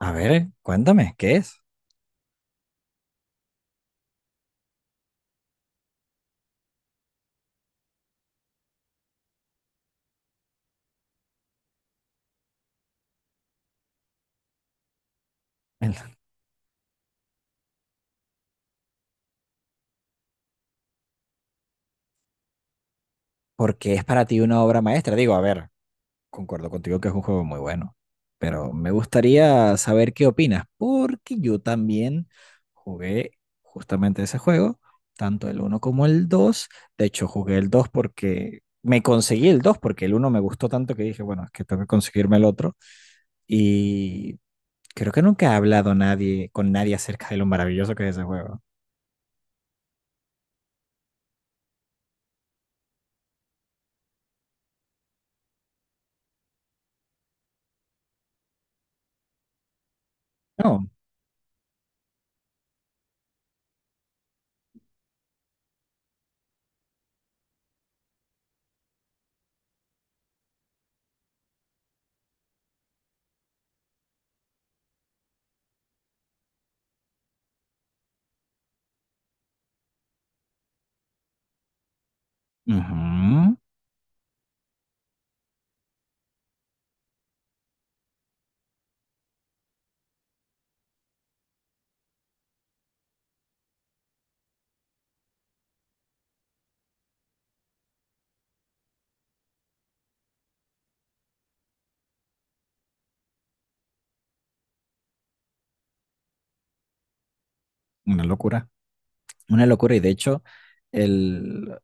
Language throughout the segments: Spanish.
A ver, cuéntame, ¿qué es? El- ¿Por qué es para ti una obra maestra? Digo, a ver, concuerdo contigo que es un juego muy bueno, pero me gustaría saber qué opinas, porque yo también jugué justamente ese juego, tanto el uno como el 2. De hecho, jugué el 2 porque me conseguí el 2 porque el uno me gustó tanto que dije, bueno, es que tengo que conseguirme el otro. Y creo que nunca ha hablado nadie con nadie acerca de lo maravilloso que es ese juego. No. Ujú. Una locura. Una locura. Y de hecho, el...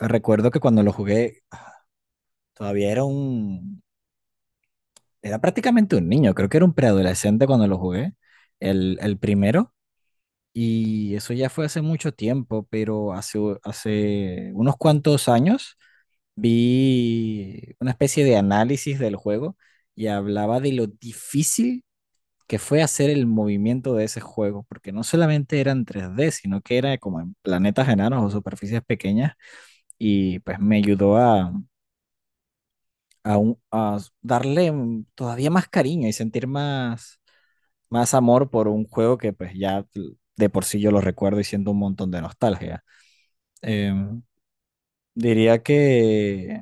recuerdo que cuando lo jugué, todavía era un... Era prácticamente un niño, creo que era un preadolescente cuando lo jugué, el primero. Y eso ya fue hace mucho tiempo, pero hace unos cuantos años vi una especie de análisis del juego y hablaba de lo difícil que fue hacer el movimiento de ese juego, porque no solamente eran tres d sino que era como en planetas enanos o superficies pequeñas y pues me ayudó a darle todavía más cariño y sentir más amor por un juego que pues ya de por sí yo lo recuerdo y siento un montón de nostalgia. Em, Diría que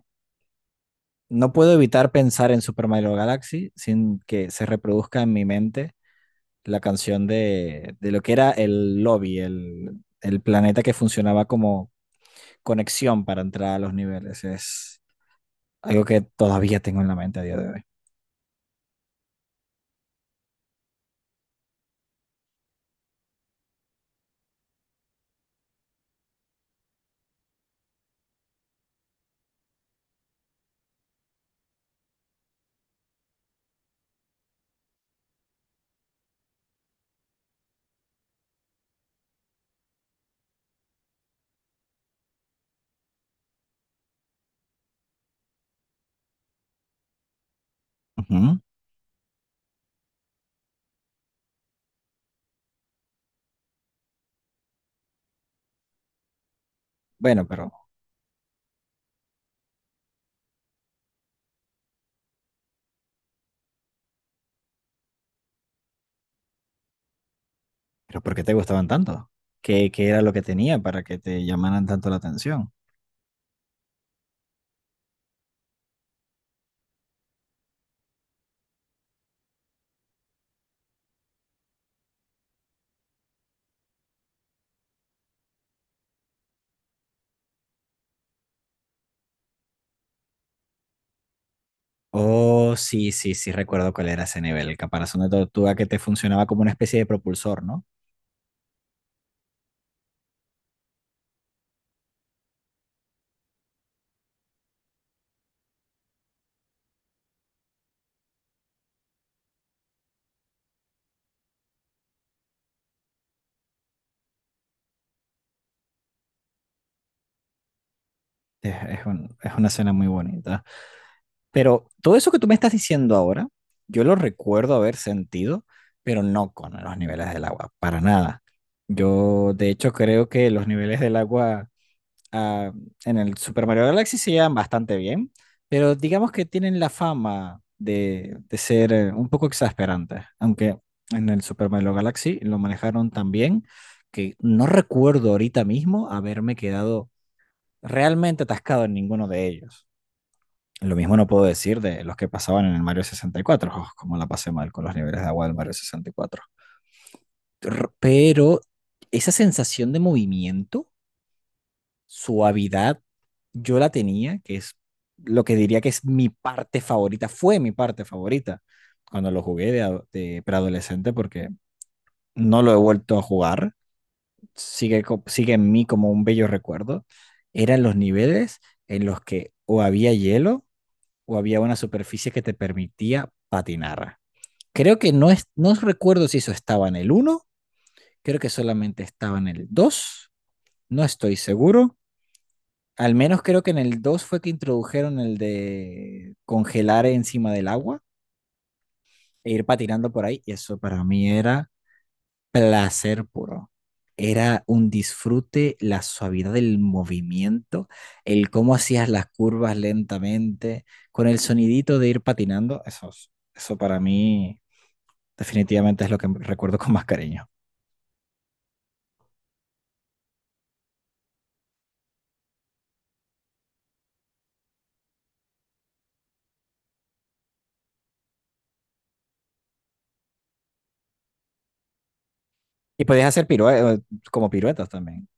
no puedo evitar pensar en Super Mario Galaxy sin que se reproduzca en mi mente la canción de lo que era el lobby, el planeta que funcionaba como conexión para entrar a los niveles. Es algo que todavía tengo en la mente a día de hoy. Ujú. Bueno, pero, pero ¿por qué te gustaban tanto? Qué era lo que tenía para que te llamaran tanto la atención? Oh, sí, sí, sí, recuerdo cuál era ese nivel, el caparazón de tortuga que te funcionaba como una especie de propulsor, ¿no? Es una escena muy bonita. Pero todo eso que tú me estás diciendo ahora, yo lo recuerdo haber sentido, pero no con los niveles del agua, para nada. Yo, de hecho, creo que los niveles del agua ah, en el Super Mario Galaxy se llevan bastante bien, pero digamos que tienen la fama de ser un poco exasperantes, aunque en el Super Mario Galaxy lo manejaron tan bien que no recuerdo ahorita mismo haberme quedado realmente atascado en ninguno de ellos. Lo mismo no puedo decir de los que pasaban en el Mario 64, oh, como la pasé mal con los niveles de agua del Mario 64. Pero esa sensación de movimiento, suavidad, yo la tenía, que es lo que diría que es mi parte favorita, fue mi parte favorita cuando lo jugué de preadolescente porque no lo he vuelto a jugar, sigue en mí como un bello recuerdo, eran los niveles en los que o había hielo o había una superficie que te permitía patinar. Creo que no, no recuerdo si eso estaba en el uno, creo que solamente estaba en el dos, no estoy seguro. Al menos creo que en el 2 fue que introdujeron el de congelar encima del agua e ir patinando por ahí. Y eso para mí era placer puro. Era un disfrute, la suavidad del movimiento, el cómo hacías las curvas lentamente, con el sonidito de ir patinando. Eso para mí definitivamente es lo que recuerdo con más cariño. Y podías hacer como piruetas también.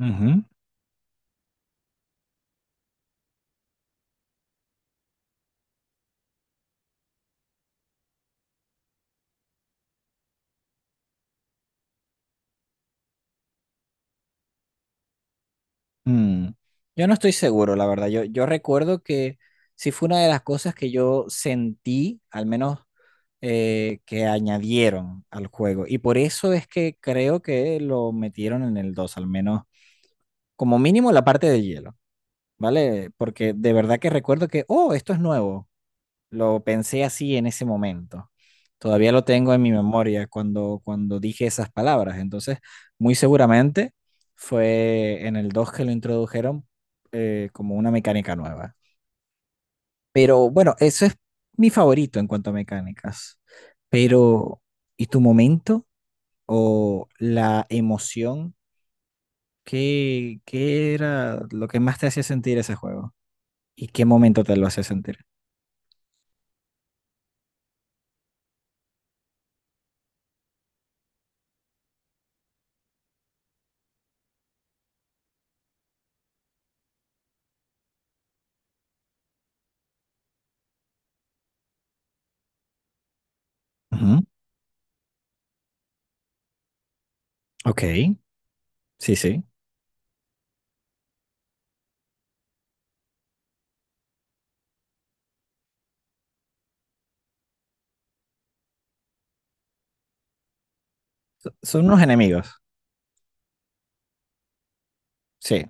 Ujú. Mm, Yo no estoy seguro, la verdad. Yo recuerdo que sí fue una de las cosas que yo sentí, al menos que añadieron al juego. Y por eso es que creo que lo metieron en el 2, al menos como mínimo la parte de hielo, ¿vale? Porque de verdad que recuerdo que, oh, esto es nuevo. Lo pensé así en ese momento. Todavía lo tengo en mi memoria cuando dije esas palabras. Entonces, muy seguramente fue en el 2 que lo introdujeron, como una mecánica nueva. Pero bueno, eso es mi favorito en cuanto a mecánicas. Pero, ¿y tu momento o la emoción? Qué era lo que más te hacía sentir ese juego? ¿Y qué momento te lo hacía sentir? Ujú. Ok, sí, sí. Son unos enemigos. Sí,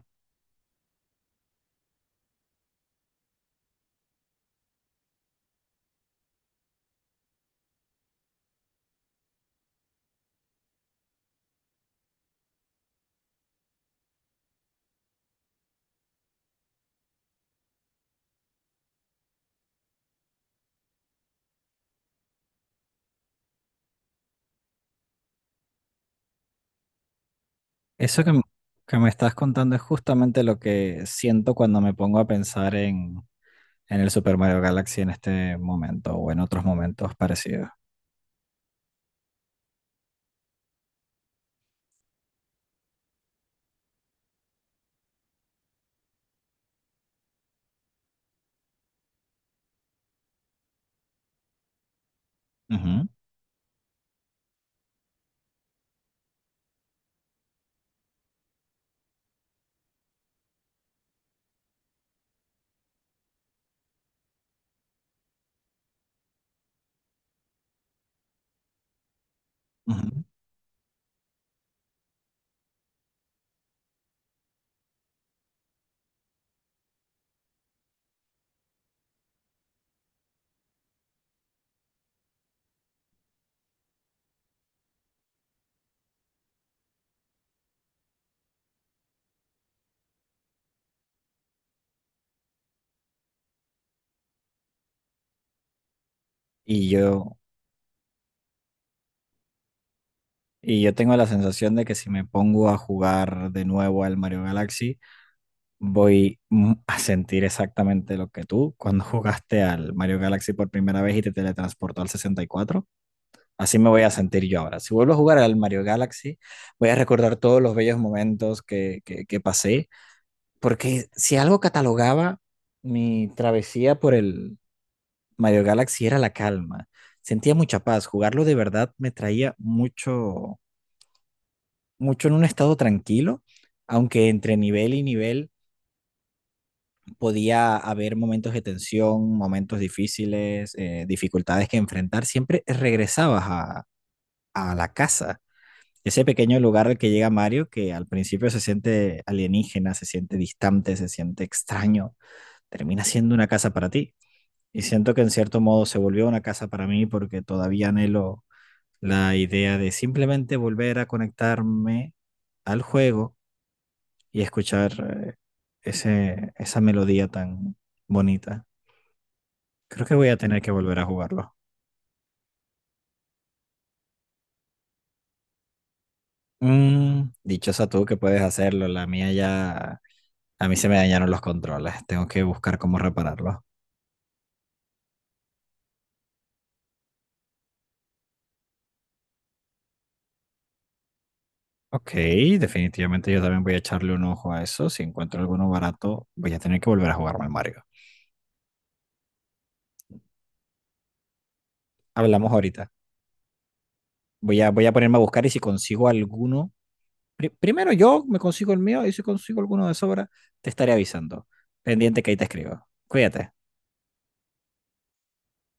eso que me estás contando es justamente lo que siento cuando me pongo a pensar en el Super Mario Galaxy en este momento o en otros momentos parecidos. Ujú, ujú. Y yo, y yo tengo la sensación de que si me pongo a jugar de nuevo al Mario Galaxy, voy a sentir exactamente lo que tú cuando jugaste al Mario Galaxy por primera vez y te teletransportó al 64. Así me voy a sentir yo ahora. Si vuelvo a jugar al Mario Galaxy, voy a recordar todos los bellos momentos que pasé, porque si algo catalogaba mi travesía por el Mario Galaxy era la calma. Sentía mucha paz. Jugarlo de verdad me traía mucho en un estado tranquilo, aunque entre nivel y nivel podía haber momentos de tensión, momentos difíciles, dificultades que enfrentar. Siempre regresabas a la casa, ese pequeño lugar al que llega Mario, que al principio se siente alienígena, se siente distante, se siente extraño, termina siendo una casa para ti. Y siento que en cierto modo se volvió una casa para mí porque todavía anhelo la idea de simplemente volver a conectarme al juego y escuchar esa melodía tan bonita. Creo que voy a tener que volver a jugarlo. Mm, dichosa tú que puedes hacerlo, la mía ya... A mí se me dañaron los controles, tengo que buscar cómo repararlos. Ok, definitivamente yo también voy a echarle un ojo a eso. Si encuentro alguno barato, voy a tener que volver a jugarme al Mario. Hablamos ahorita. Voy a ponerme a buscar y si consigo alguno, primero yo me consigo el mío y si consigo alguno de sobra, te estaré avisando. Pendiente que ahí te escribo. Cuídate.